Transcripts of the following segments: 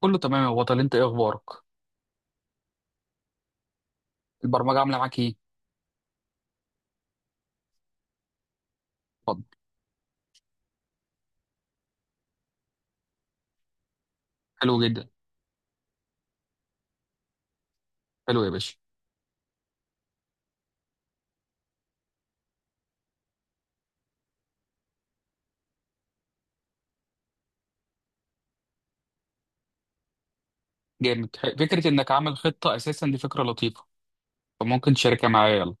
كله تمام يا بطل، انت ايه اخبارك؟ البرمجه عامله معاك ايه؟ اتفضل. حلو جدا. حلو يا باشا. جامد. فكره انك عامل خطه اساسا دي فكره لطيفه، فممكن تشاركها معايا يلا.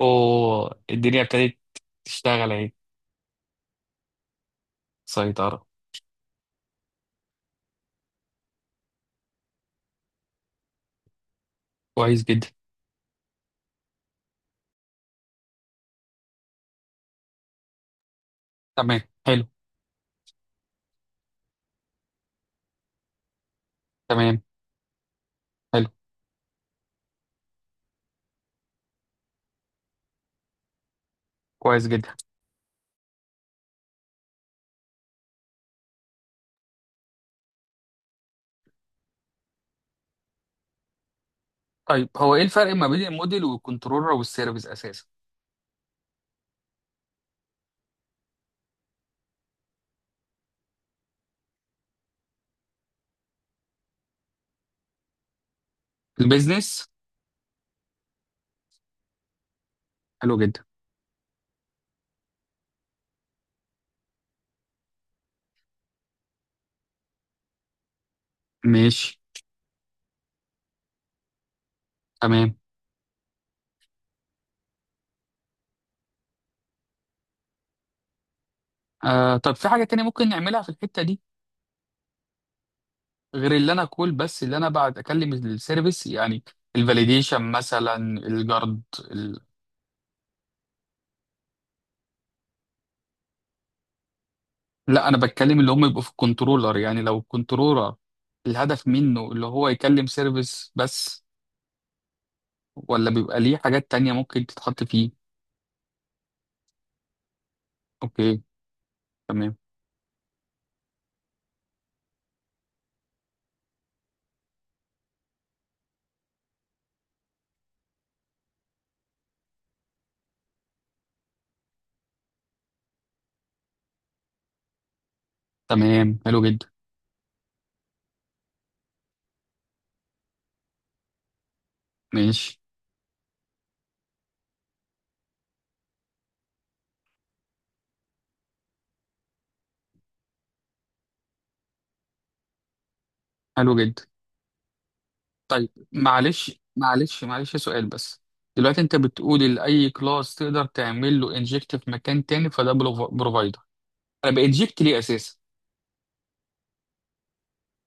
اوه، الدنيا ابتدت تشتغل اهي. سيطره. كويس جدا. تمام. حلو. تمام. حلو. كويس جدا. طيب هو ايه الفرق ما بين الموديل والكنترولر والسيرفيس اساسا؟ البيزنس. حلو جدا. ماشي. تمام. طب في حاجه تانية ممكن نعملها في الحته دي، غير اللي انا اقول بس اللي انا بعد اكلم السيرفيس يعني الفاليديشن مثلا، الجارد، ال... لا انا بتكلم اللي هم يبقوا في الكنترولر، يعني لو الكنترولر الهدف منه اللي هو يكلم سيرفيس بس، ولا بيبقى ليه حاجات تانية ممكن تتحط فيه. اوكي. تمام. تمام. حلو جدا. ماشي. حلو جدا. طيب معلش سؤال بس. دلوقتي انت بتقول لاي كلاس تقدر تعمل له انجكت في مكان تاني فده بروفايدر، انا بانجكت ليه اساسا؟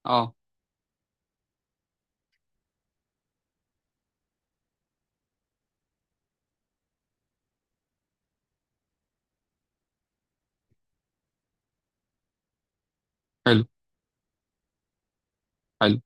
اه. حلو. حلو.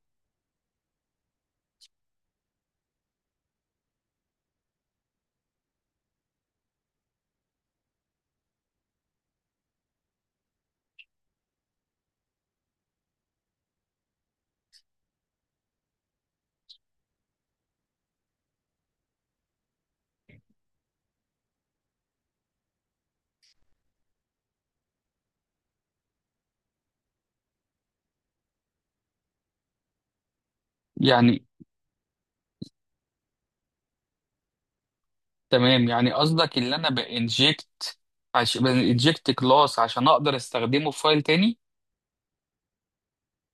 يعني تمام، يعني قصدك اللي انا بانجكت بانجكت كلاس عشان اقدر استخدمه في فايل تاني.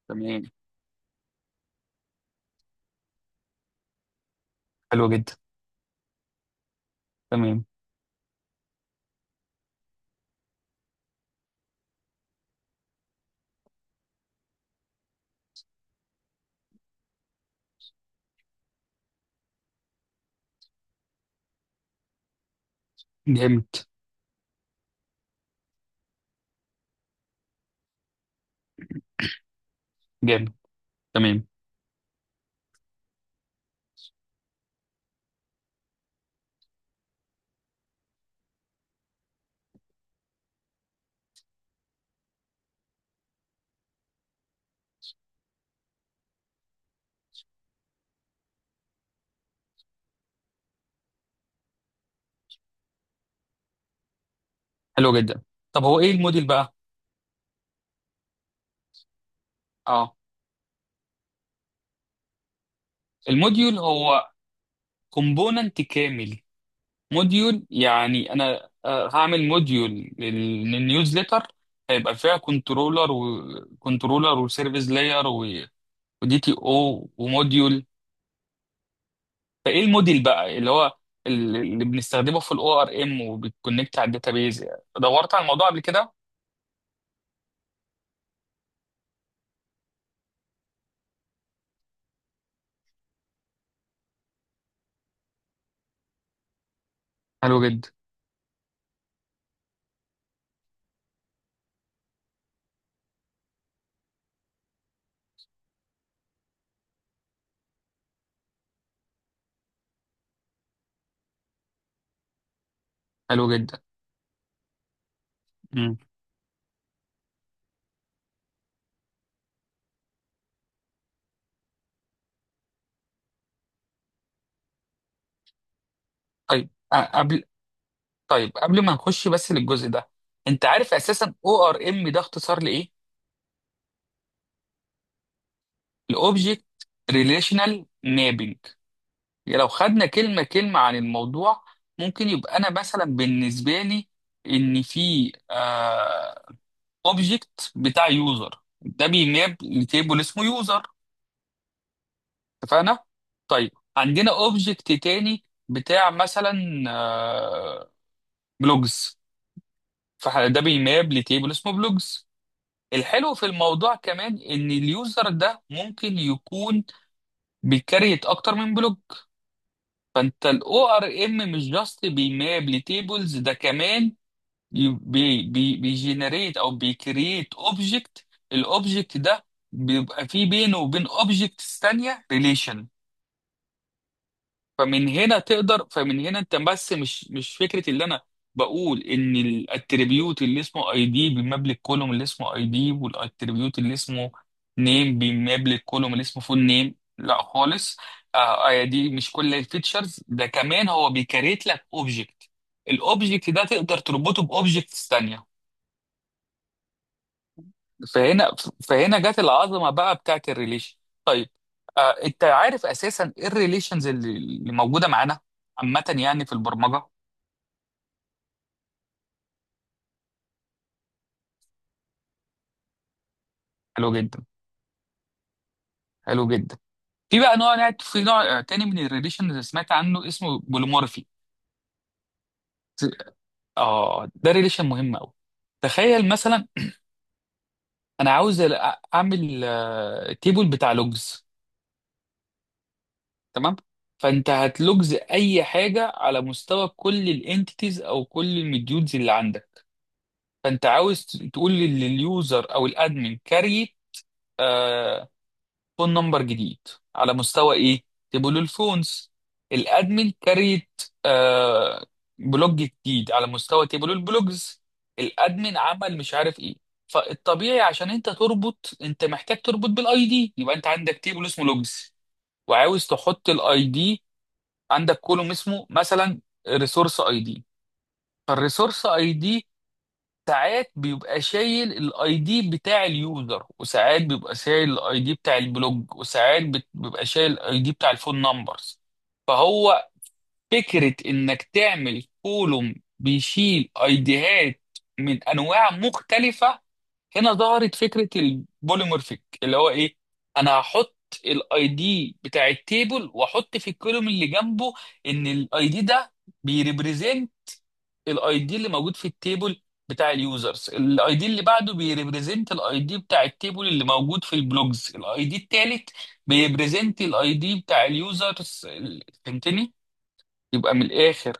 تمام. حلو جدا. تمام. جامد. جامد. تمام. حلو جدا. طب هو ايه الموديل بقى؟ اه. الموديول هو كومبوننت كامل. موديول يعني انا هعمل موديول للنيوزليتر، هيبقى فيها كنترولر وكنترولر وسيرفيس لاير ودي تي او وموديول. فايه الموديل بقى اللي هو اللي بنستخدمه في الاو ار ام وبتكونكت على الداتابيز؟ دورت على الموضوع قبل كده. حلو جدا. حلو جدا. امم طيب قبل ما نخش بس للجزء ده، انت عارف اساسا او ار ام ده اختصار لايه؟ لاوبجكت ريليشنال مابينج. لو خدنا كلمه كلمه عن الموضوع، ممكن يبقى انا مثلا بالنسبه لي ان في اوبجكت بتاع يوزر ده بيماب لتيبل اسمه يوزر. اتفقنا؟ طيب، عندنا اوبجكت تاني بتاع مثلا آه، بلوجز، فده بيماب لتيبل اسمه بلوجز. الحلو في الموضوع كمان ان اليوزر ده ممكن يكون بيكريت اكتر من بلوج، فانت الاو ار ام مش جاست بيماب لتيبلز، ده كمان ي- بي بي بيجنريت او بيكريت اوبجكت. الاوبجكت ده بيبقى فيه بينه وبين اوبجكتس تانية ريليشن. فمن هنا انت بس مش مش فكره اللي انا بقول ان الاتريبيوت اللي اسمه اي دي بيماب الكولوم اللي اسمه اي دي، والاتريبيوت اللي اسمه نيم بيماب الكولوم اللي اسمه فول نيم، لا خالص. دي مش كل الفيتشرز، ده كمان هو بيكريت لك اوبجكت، الاوبجكت ده تقدر تربطه باوبجكتس تانية. فهنا فهنا جت العظمه بقى بتاعت الريليشن. طيب، انت عارف اساسا ايه الريليشنز اللي موجوده معانا عامه يعني في البرمجه؟ حلو جدا. حلو جدا. في بقى نوع، في نوع تاني من الريليشنز اللي سمعت عنه اسمه بوليمورفي. اه ده ريليشن مهم قوي. تخيل مثلا انا عاوز اعمل تيبل بتاع لوجز. تمام؟ فانت هتلوجز اي حاجه على مستوى كل الانتيتيز او كل المديولز اللي عندك. فانت عاوز تقول لليوزر او الادمن كاري آه فون نمبر جديد، على مستوى ايه؟ تبقوا له الفونز. الادمن كاريت بلوج جديد، على مستوى تبقوا البلوجز. الادمن عمل مش عارف ايه. فالطبيعي عشان انت تربط، انت محتاج تربط بالاي دي، يبقى انت عندك تيبل اسمه لوجز، وعاوز تحط الاي دي، عندك كولوم اسمه مثلا ريسورس اي دي. فالريسورس اي دي ساعات بيبقى شايل الاي دي بتاع اليوزر، وساعات بيبقى شايل الاي دي بتاع البلوج، وساعات بيبقى شايل الاي دي بتاع الفون نمبرز. فهو فكرة انك تعمل كولوم بيشيل ايديهات من انواع مختلفة. هنا ظهرت فكرة البوليمورفيك، اللي هو ايه؟ انا هحط الاي دي بتاع التيبل، واحط في الكولوم اللي جنبه ان الاي دي ده بيريبريزنت الاي دي اللي موجود في التيبل بتاع اليوزرز، الاي دي اللي بعده بيريبريزنت الاي دي بتاع التيبل اللي موجود في البلوجز، الاي دي التالت بيريبريزنت الاي دي بتاع اليوزرز. فهمتني؟ يبقى من الاخر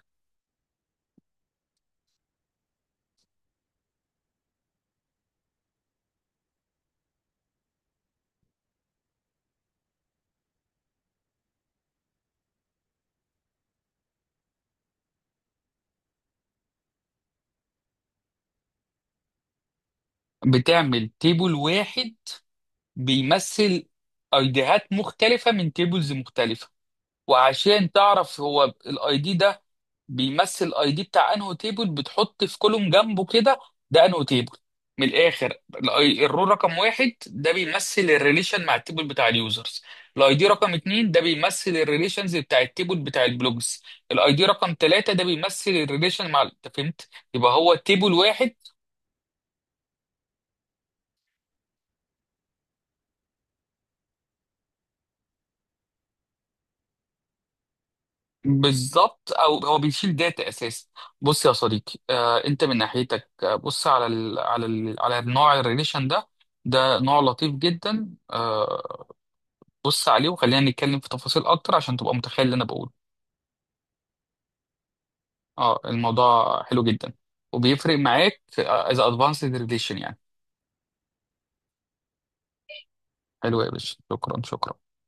بتعمل تيبل واحد بيمثل ايديهات مختلفة من تيبلز مختلفة. وعشان تعرف هو الاي دي ده بيمثل الاي دي بتاع انهو تيبل، بتحط في كولوم جنبه كده ده انهو تيبل. من الاخر الرو رقم واحد ده بيمثل الريليشن مع التيبل بتاع اليوزرز، الاي دي رقم اتنين ده بيمثل الريليشنز بتاع التيبل بتاع البلوجز، الاي دي رقم تلاتة ده بيمثل الريليشن مع، انت فهمت، يبقى هو تيبل واحد. بالظبط، او هو بيشيل داتا اساسا. بص يا صديقي، انت من ناحيتك بص على ال على ال على النوع الريليشن ده. ده نوع لطيف جدا. بص عليه، وخلينا نتكلم في تفاصيل اكتر عشان تبقى متخيل اللي انا بقوله. اه الموضوع حلو جدا، وبيفرق معاك اذا ادفانسد ريليشن يعني. حلو يا باشا، شكرا شكرا.